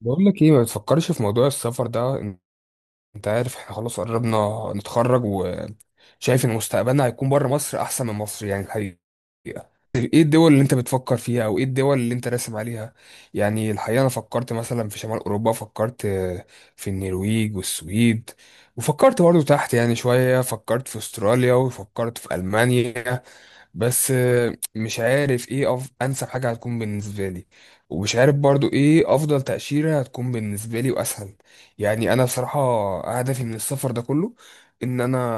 بقول لك ايه، ما تفكرش في موضوع السفر ده. انت عارف احنا خلاص قربنا نتخرج، وشايف ان مستقبلنا هيكون بره مصر احسن من مصر يعني الحقيقة. ايه الدول اللي انت بتفكر فيها او ايه الدول اللي انت راسم عليها؟ يعني الحقيقة انا فكرت مثلا في شمال اوروبا، فكرت في النرويج والسويد، وفكرت برضه تحت يعني شوية، فكرت في استراليا وفكرت في المانيا. بس مش عارف ايه انسب حاجة هتكون بالنسبة لي، ومش عارف برضو ايه افضل تأشيرة هتكون بالنسبة لي واسهل. يعني انا بصراحه هدفي من السفر ده كله ان انا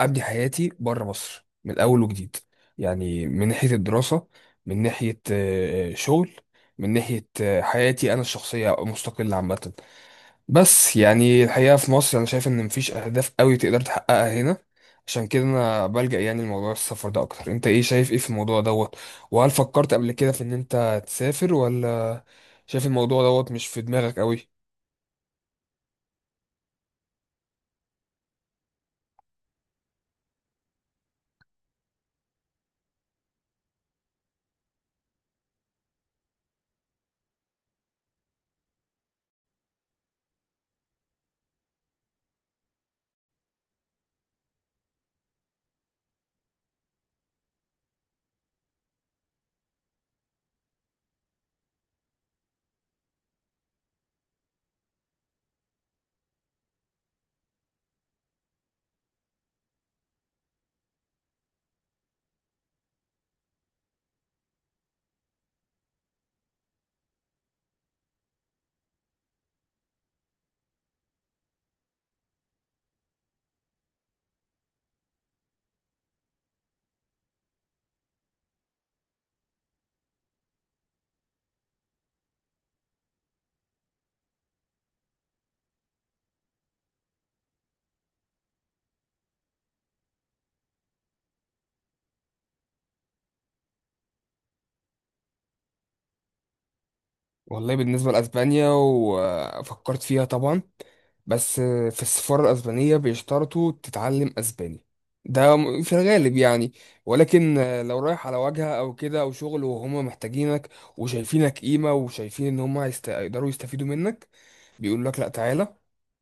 ابني حياتي بره مصر من اول وجديد. يعني من ناحيه الدراسه، من ناحيه شغل، من ناحيه حياتي انا الشخصيه مستقله عامه. بس يعني الحقيقه في مصر انا شايف ان مفيش اهداف قوي تقدر تحققها هنا. عشان كده انا بلجأ يعني لموضوع السفر ده اكتر. انت ايه شايف ايه في الموضوع دوت؟ وهل فكرت قبل كده في ان انت تسافر ولا شايف الموضوع دوت مش في دماغك قوي؟ والله بالنسبة لأسبانيا وفكرت فيها طبعا، بس في السفارة الأسبانية بيشترطوا تتعلم أسباني. في الغالب يعني. ولكن لو رايح على واجهة أو كده أو شغل وهما محتاجينك وشايفينك قيمة وشايفين إن هما هيقدروا يستفيدوا منك، بيقول لك لأ تعالى،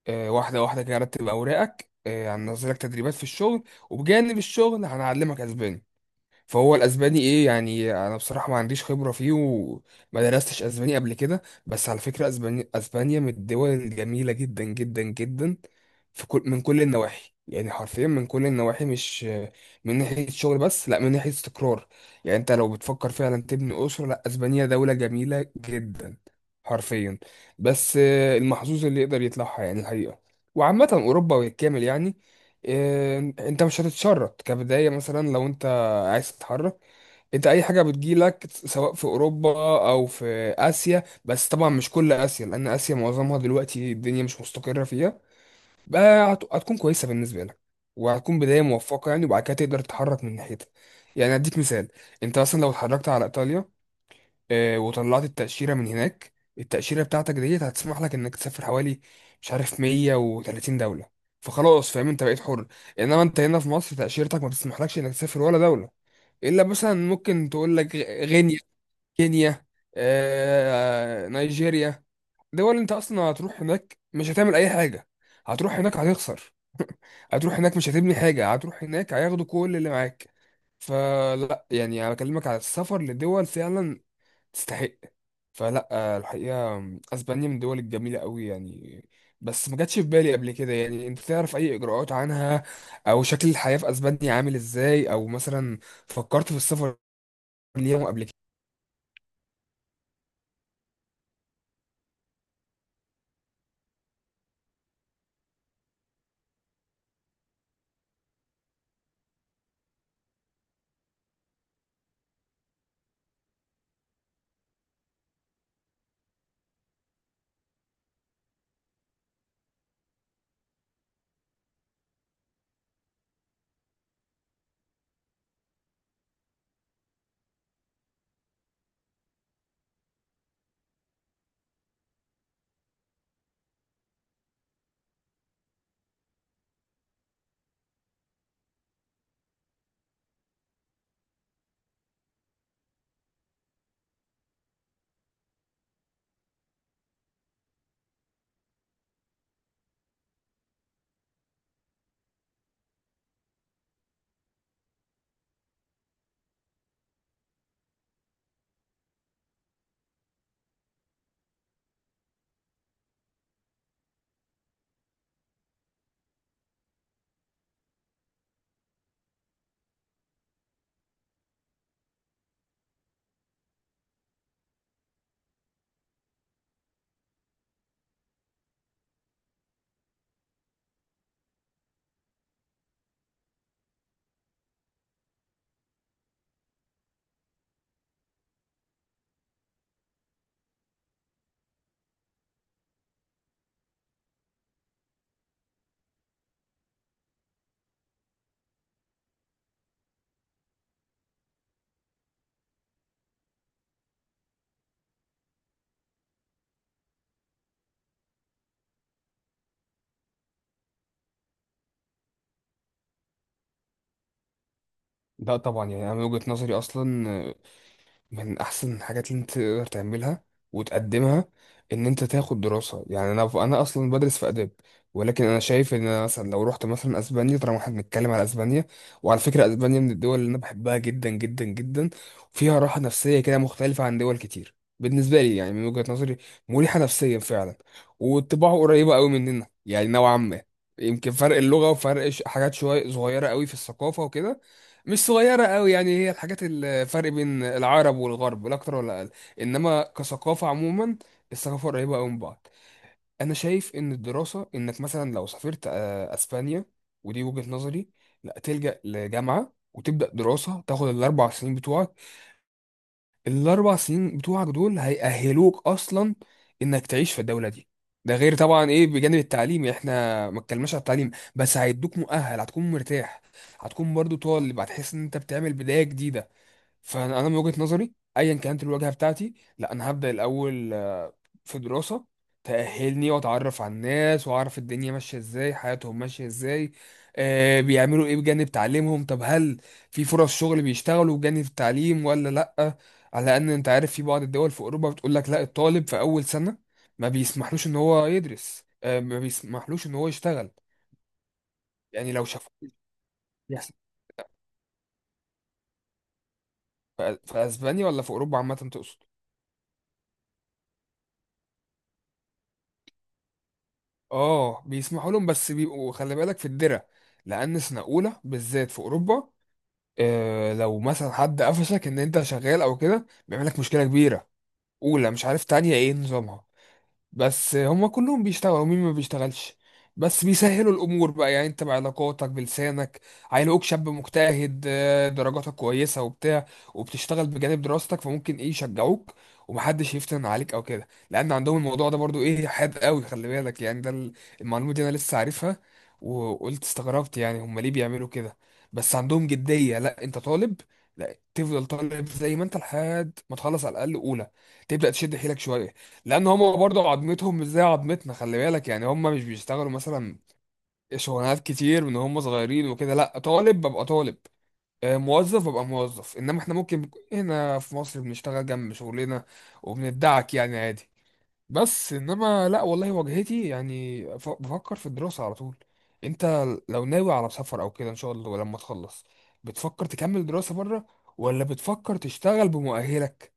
واحدة واحدة كده رتب أوراقك، هننزلك تدريبات في الشغل، وبجانب الشغل هنعلمك أسباني. فهو الاسباني ايه يعني، انا بصراحه ما عنديش خبره فيه وما درستش اسباني قبل كده. بس على فكره اسبانيا من الدول الجميله جدا جدا جدا في كل من كل النواحي، يعني حرفيا من كل النواحي، مش من ناحيه شغل بس، لا من ناحيه استقرار. يعني انت لو بتفكر فعلا تبني اسره، لا اسبانيا دوله جميله جدا حرفيا. بس المحظوظ اللي يقدر يطلعها يعني الحقيقه. وعامه اوروبا بالكامل يعني، انت مش هتتشرط كبدايه. مثلا لو انت عايز تتحرك، انت اي حاجه بتجيلك سواء في اوروبا او في اسيا، بس طبعا مش كل اسيا لان اسيا معظمها دلوقتي الدنيا مش مستقره فيها، بقى هتكون كويسه بالنسبه لك وهتكون بدايه موفقه يعني، وبعد كده تقدر تتحرك من ناحيتها. يعني اديك مثال، انت مثلا لو اتحركت على ايطاليا، اه، وطلعت التاشيره من هناك، التاشيره بتاعتك ديت هتسمح لك انك تسافر حوالي مش عارف 130 دوله. فخلاص فاهم، انت بقيت حر. انما انت هنا في مصر تاشيرتك ما بتسمحلكش انك تسافر ولا دوله، الا مثلا ممكن تقول لك غينيا، كينيا، نيجيريا. دول انت اصلا هتروح هناك مش هتعمل اي حاجه، هتروح هناك هتخسر. هتروح هناك مش هتبني حاجه، هتروح هناك هياخدوا كل اللي معاك. فلا يعني انا بكلمك على السفر لدول فعلا تستحق. فلا الحقيقه اسبانيا من الدول الجميله قوي يعني، بس ما جاتش في بالي قبل كده. يعني انت تعرف اي اجراءات عنها، او شكل الحياه في اسبانيا عامل ازاي، او مثلا فكرت في السفر ليهم قبل كده؟ لا طبعا، يعني انا من وجهة نظري اصلا من احسن الحاجات اللي انت تقدر تعملها وتقدمها ان انت تاخد دراسة. يعني انا اصلا بدرس في اداب، ولكن انا شايف ان انا مثلا لو رحت مثلا اسبانيا، طالما احنا بنتكلم على اسبانيا، وعلى فكرة اسبانيا من الدول اللي انا بحبها جدا جدا جدا، وفيها راحة نفسية كده مختلفة عن دول كتير، بالنسبة لي يعني من وجهة نظري مريحة نفسيا فعلا، وطباعه قريبة قوي مننا يعني نوعا ما. يمكن فرق اللغة وفرق حاجات شوية صغيرة قوي في الثقافة وكده، مش صغيرة قوي يعني، هي الحاجات الفرق بين العرب والغرب، لا أكتر ولا أقل. إنما كثقافة عموما الثقافة قريبة قوي من بعض. أنا شايف إن الدراسة، إنك مثلا لو سافرت أسبانيا، ودي وجهة نظري، لا تلجأ لجامعة وتبدأ دراسة، تاخد الأربع سنين بتوعك. الأربع سنين بتوعك دول هيأهلوك أصلا إنك تعيش في الدولة دي. ده غير طبعا إيه بجانب التعليم، إحنا ما اتكلمناش على التعليم، بس هيدوك مؤهل، هتكون مرتاح، هتكون برضو طالب، هتحس ان انت بتعمل بداية جديدة. فانا من وجهة نظري ايا كانت الواجهه بتاعتي، لا انا هبدا الاول في دراسه تاهلني، واتعرف على الناس واعرف الدنيا ماشيه ازاي، حياتهم ماشيه ازاي، آه بيعملوا ايه بجانب تعليمهم. طب هل في فرص شغل بيشتغلوا بجانب التعليم ولا لا؟ على ان انت عارف في بعض الدول في اوروبا بتقول لك لا، الطالب في اول سنه ما بيسمحلوش ان هو يدرس، آه ما بيسمحلوش ان هو يشتغل. يعني لو شافوه يحصل. في اسبانيا ولا في اوروبا عامه تقصد؟ اه بيسمحوا لهم، بس بيبقوا خلي بالك في الدرع، لان سنه اولى بالذات في اوروبا آه، لو مثلا حد قفشك ان انت شغال او كده بيعمل لك مشكله كبيره. اولى، مش عارف تانية ايه نظامها، بس هما كلهم بيشتغلوا، ومين ما بيشتغلش. بس بيسهلوا الامور بقى، يعني انت بعلاقاتك بلسانك، هيلاقوك شاب مجتهد، درجاتك كويسه وبتاع، وبتشتغل بجانب دراستك، فممكن ايه يشجعوك، ومحدش يفتن عليك او كده، لان عندهم الموضوع ده برضو ايه حاد قوي خلي بالك يعني. المعلومه دي انا لسه عارفها، وقلت استغربت يعني هما ليه بيعملوا كده، بس عندهم جديه، لا انت طالب، لا تفضل طالب زي ما انت لحد ما تخلص على الاقل. اولى تبدا تشد حيلك شويه، لان هم برضه عظمتهم مش زي عظمتنا خلي بالك يعني. هم مش بيشتغلوا مثلا شغلانات كتير من هم صغيرين وكده، لا طالب ببقى طالب، موظف ببقى موظف. انما احنا ممكن هنا في مصر بنشتغل جنب شغلنا وبندعك يعني عادي. بس انما لا والله واجهتي يعني، بفكر في الدراسة على طول. انت لو ناوي على سفر او كده ان شاء الله لما تخلص، بتفكر تكمل دراسة بره ولا بتفكر تشتغل بمؤهلك؟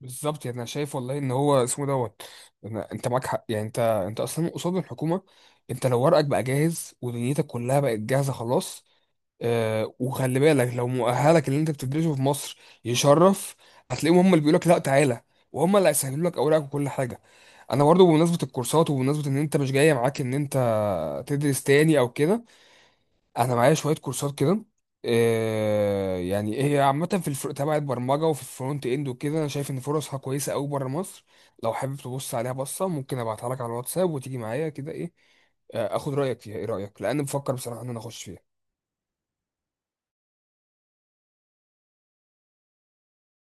بالظبط، يعني انا شايف والله ان هو اسمه دوت. انت معاك حق يعني، انت اصلا قصاد الحكومه، انت لو ورقك بقى جاهز ودنيتك كلها بقت جاهزه خلاص، آه وخلي بالك لو مؤهلك اللي انت بتدرسه في مصر يشرف، هتلاقيهم هم اللي بيقول لك لا تعالى، وهم اللي هيسهلوا لك اوراقك وكل حاجه. انا برضه بمناسبه الكورسات، وبمناسبه ان انت مش جايه معاك ان انت تدرس تاني او كده، انا معايا شويه كورسات كده، يعني هي عامه في تبع البرمجه وفي الفرونت اند وكده. انا شايف ان فرصها كويسه قوي بره مصر. لو حابب تبص عليها بصه، ممكن ابعتها لك على الواتساب وتيجي معايا كده، ايه، اخد رايك فيها. ايه رايك؟ لان بفكر بصراحه ان انا اخش فيها.